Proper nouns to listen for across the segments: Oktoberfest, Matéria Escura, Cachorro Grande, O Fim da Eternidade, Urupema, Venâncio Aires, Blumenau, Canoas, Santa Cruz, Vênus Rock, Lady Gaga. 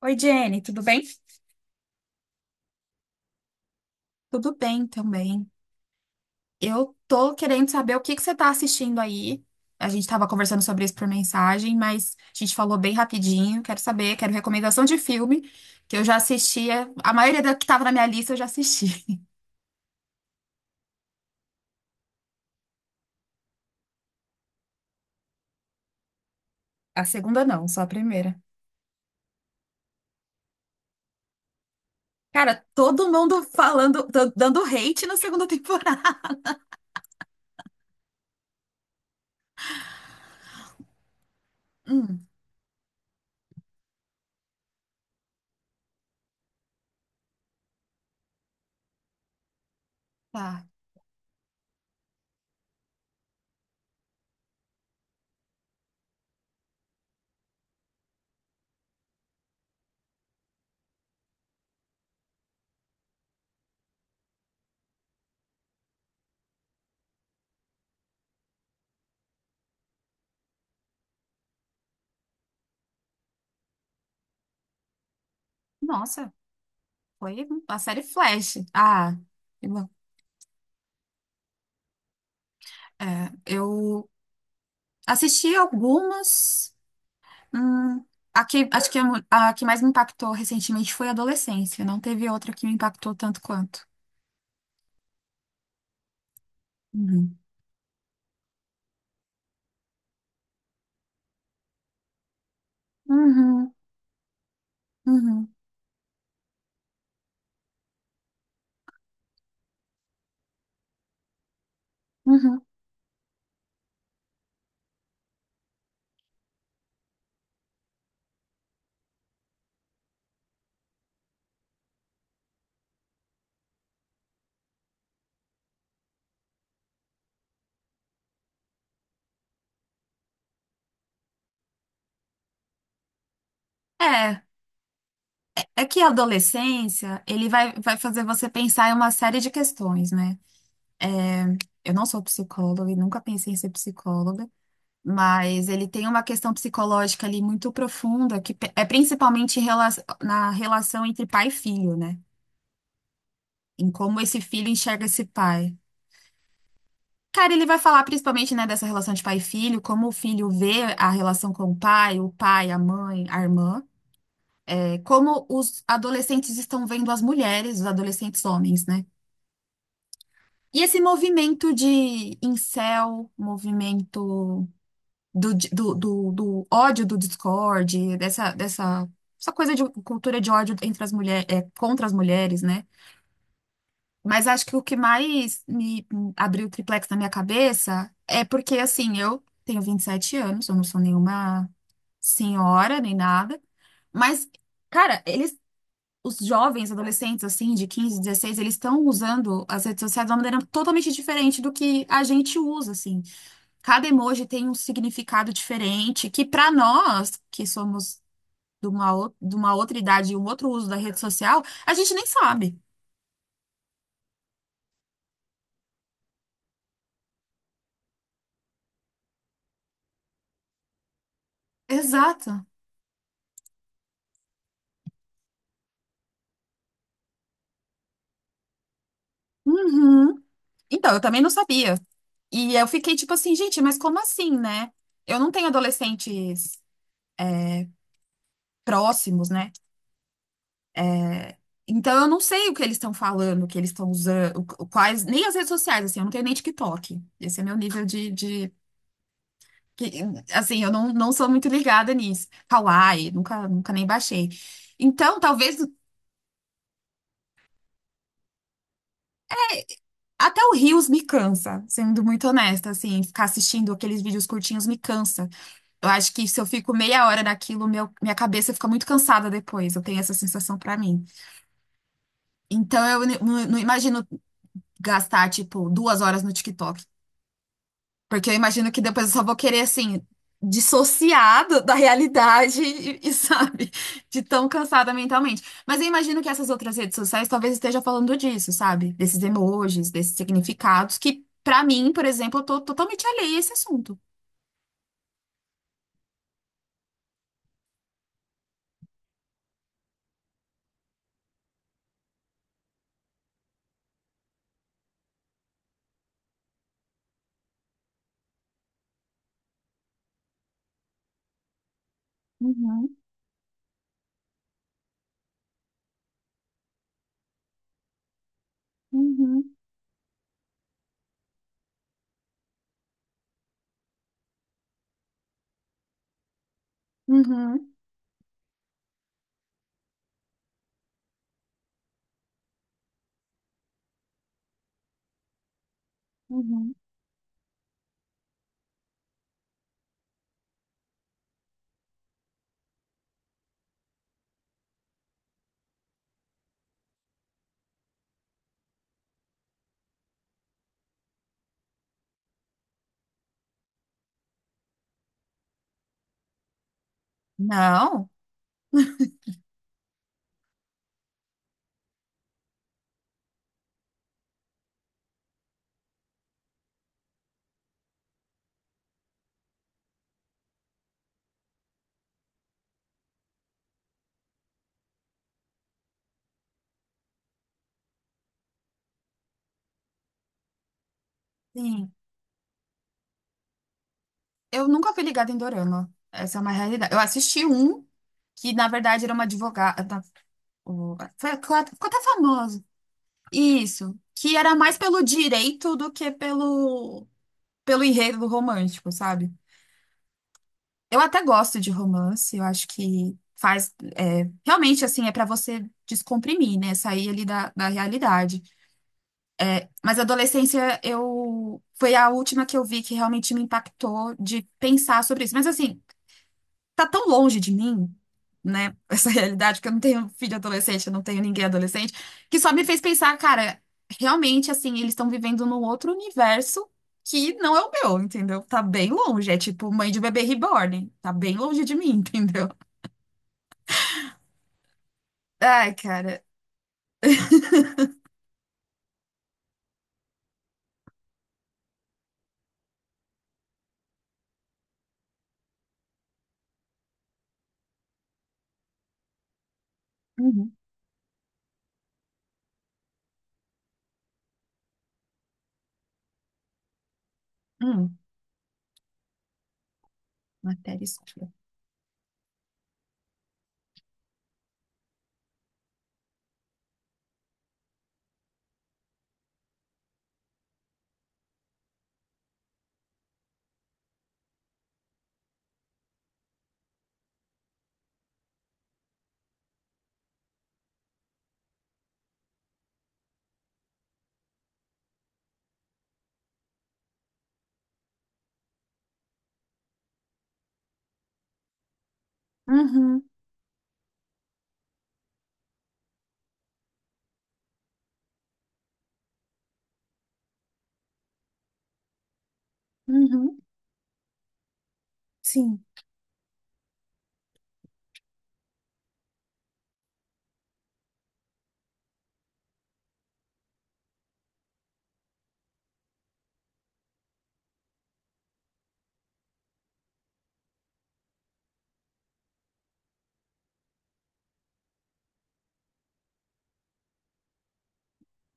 Oi, Jenny, tudo bem? Tudo bem também. Eu tô querendo saber o que que você tá assistindo aí. A gente tava conversando sobre isso por mensagem, mas a gente falou bem rapidinho. Quero saber, quero recomendação de filme que eu já assistia. A maioria da que tava na minha lista eu já assisti. A segunda não, só a primeira. Cara, todo mundo falando, dando hate na segunda temporada. Hum, tá. Nossa, foi a série Flash. Ah, que bom. É, eu assisti algumas. Hum, a que, acho que a, a que mais me impactou recentemente foi a adolescência. Não teve outra que me impactou tanto quanto. Uhum. Uhum, uhum, uhum. É, é que a adolescência, ele vai, vai fazer você pensar em uma série de questões, né? Eu não sou psicóloga e nunca pensei em ser psicóloga, mas ele tem uma questão psicológica ali muito profunda, que é principalmente na relação entre pai e filho, né? Em como esse filho enxerga esse pai. Cara, ele vai falar principalmente, né, dessa relação de pai e filho, como o filho vê a relação com o pai, a mãe, a irmã, é, como os adolescentes estão vendo as mulheres, os adolescentes homens, né? E esse movimento de incel, movimento do ódio do Discord, dessa essa coisa de cultura de ódio entre as mulheres, contra as mulheres, né? Mas acho que o que mais me abriu o triplex na minha cabeça é porque, assim, eu tenho 27 anos, eu não sou nenhuma senhora nem nada, mas, cara, eles, os jovens, adolescentes, assim, de 15 16 eles estão usando as redes sociais de uma maneira totalmente diferente do que a gente usa, assim. Cada emoji tem um significado diferente, que pra nós, que somos de uma, de uma outra idade e um outro uso da rede social, a gente nem sabe. Exato. Uhum. Então, eu também não sabia. E eu fiquei tipo assim, gente, mas como assim, né? Eu não tenho adolescentes próximos, né? É, então eu não sei o que eles estão falando, o que eles estão usando, quais, nem as redes sociais, assim, eu não tenho nem TikTok. Esse é meu nível de, de que- assim, eu não, não sou muito ligada nisso. Kawaii, nunca, nunca nem baixei. Então, talvez até o Reels me cansa, sendo muito honesta, assim, ficar assistindo aqueles vídeos curtinhos me cansa. Eu acho que se eu fico meia hora naquilo, meu, minha cabeça fica muito cansada depois. Eu tenho essa sensação pra mim. Então eu não imagino gastar, tipo, 2 horas no TikTok. Porque eu imagino que depois eu só vou querer, assim, dissociado da realidade e, sabe, de tão cansada mentalmente. Mas eu imagino que essas outras redes sociais talvez esteja falando disso, sabe? Desses emojis, desses significados, que pra mim, por exemplo, eu tô totalmente alheia a esse assunto. Uhum, uhum, uhum, uhum. Não. Sim. Eu nunca fui ligada em Dorama. Essa é uma realidade. Eu assisti um que, na verdade, era uma advogada. Foi, ficou até famoso. Isso. Que era mais pelo direito do que pelo, pelo enredo romântico, sabe? Eu até gosto de romance. Eu acho que faz. É, realmente, assim, é pra você descomprimir, né? Sair ali da, da realidade. Mas a adolescência, eu. Foi a última que eu vi que realmente me impactou de pensar sobre isso. Mas, assim, tá tão longe de mim, né? Essa realidade, que eu não tenho filho adolescente, eu não tenho ninguém adolescente, que só me fez pensar, cara, realmente, assim, eles estão vivendo num outro universo que não é o meu, entendeu? Tá bem longe. É tipo mãe de bebê reborn. Tá bem longe de mim, entendeu? Ai, cara. Uhum. Hum. Matéria escura. Uhum. Uhum. Sim.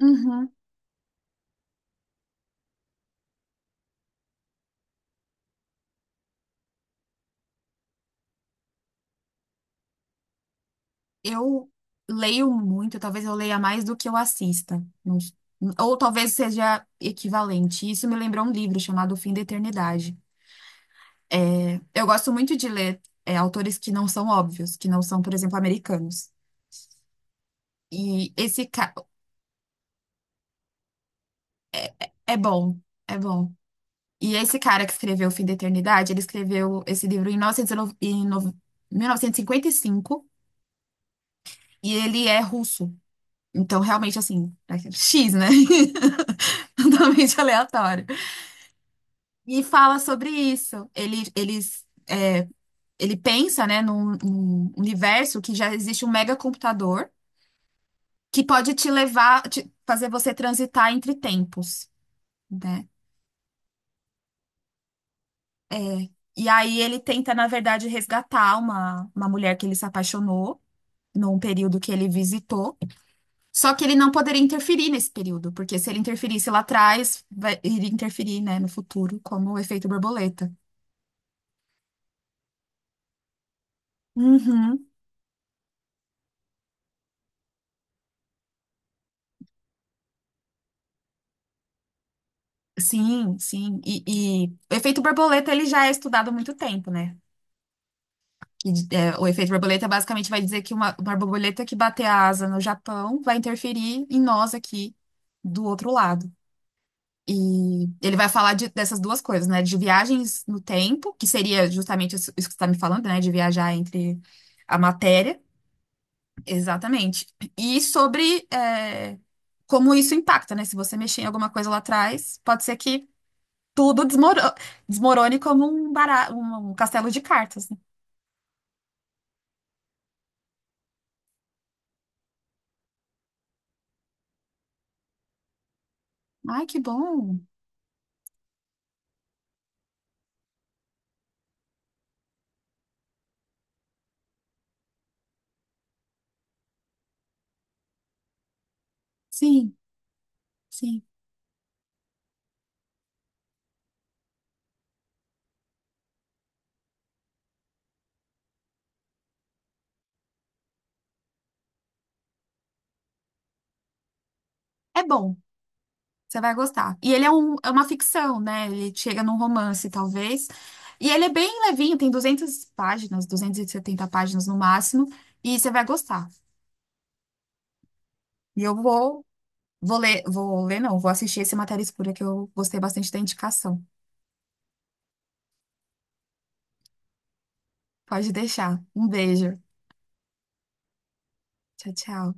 Uhum. Eu leio muito, talvez eu leia mais do que eu assista. Não s- Ou talvez seja equivalente. Isso me lembrou um livro chamado O Fim da Eternidade. É, eu gosto muito de ler, é, autores que não são óbvios, que não são, por exemplo, americanos. E esse cara é bom, é bom. E esse cara que escreveu O Fim da Eternidade, ele escreveu esse livro em 1909 em 1955 e cinquenta e cinco e ele é russo. Então, realmente, assim, é X, né? Totalmente aleatório. E fala sobre isso. Ele, eles, ele pensa, né, num, num universo que já existe um megacomputador que pode te levar, fazer você transitar entre tempos, né? É. E aí ele tenta, na verdade, resgatar uma mulher que ele se apaixonou num período que ele visitou. Só que ele não poderia interferir nesse período, porque se ele interferisse lá atrás, vai, iria interferir, né, no futuro, como o efeito borboleta. Uhum. Sim, sim. E o efeito borboleta ele já é estudado há muito tempo, né? E, é, o efeito borboleta basicamente vai dizer que uma borboleta que bater a asa no Japão vai interferir em nós aqui do outro lado. E ele vai falar dessas duas coisas, né? De viagens no tempo, que seria justamente isso que você está me falando, né? De viajar entre a matéria. Exatamente. E sobre, é, como isso impacta, né? Se você mexer em alguma coisa lá atrás, pode ser que Tudo desmoro- desmorone como um, um castelo de cartas, né? Ai, que bom. Sim, sim. É bom. Você vai gostar. E ele é, é uma ficção, né? Ele chega num romance, talvez. E ele é bem levinho, tem 200 páginas, 270 páginas no máximo. E você vai gostar. E eu vou, vou ler, não, vou assistir esse Matéria Escura que eu gostei bastante da indicação. Pode deixar. Um beijo. Tchau, tchau.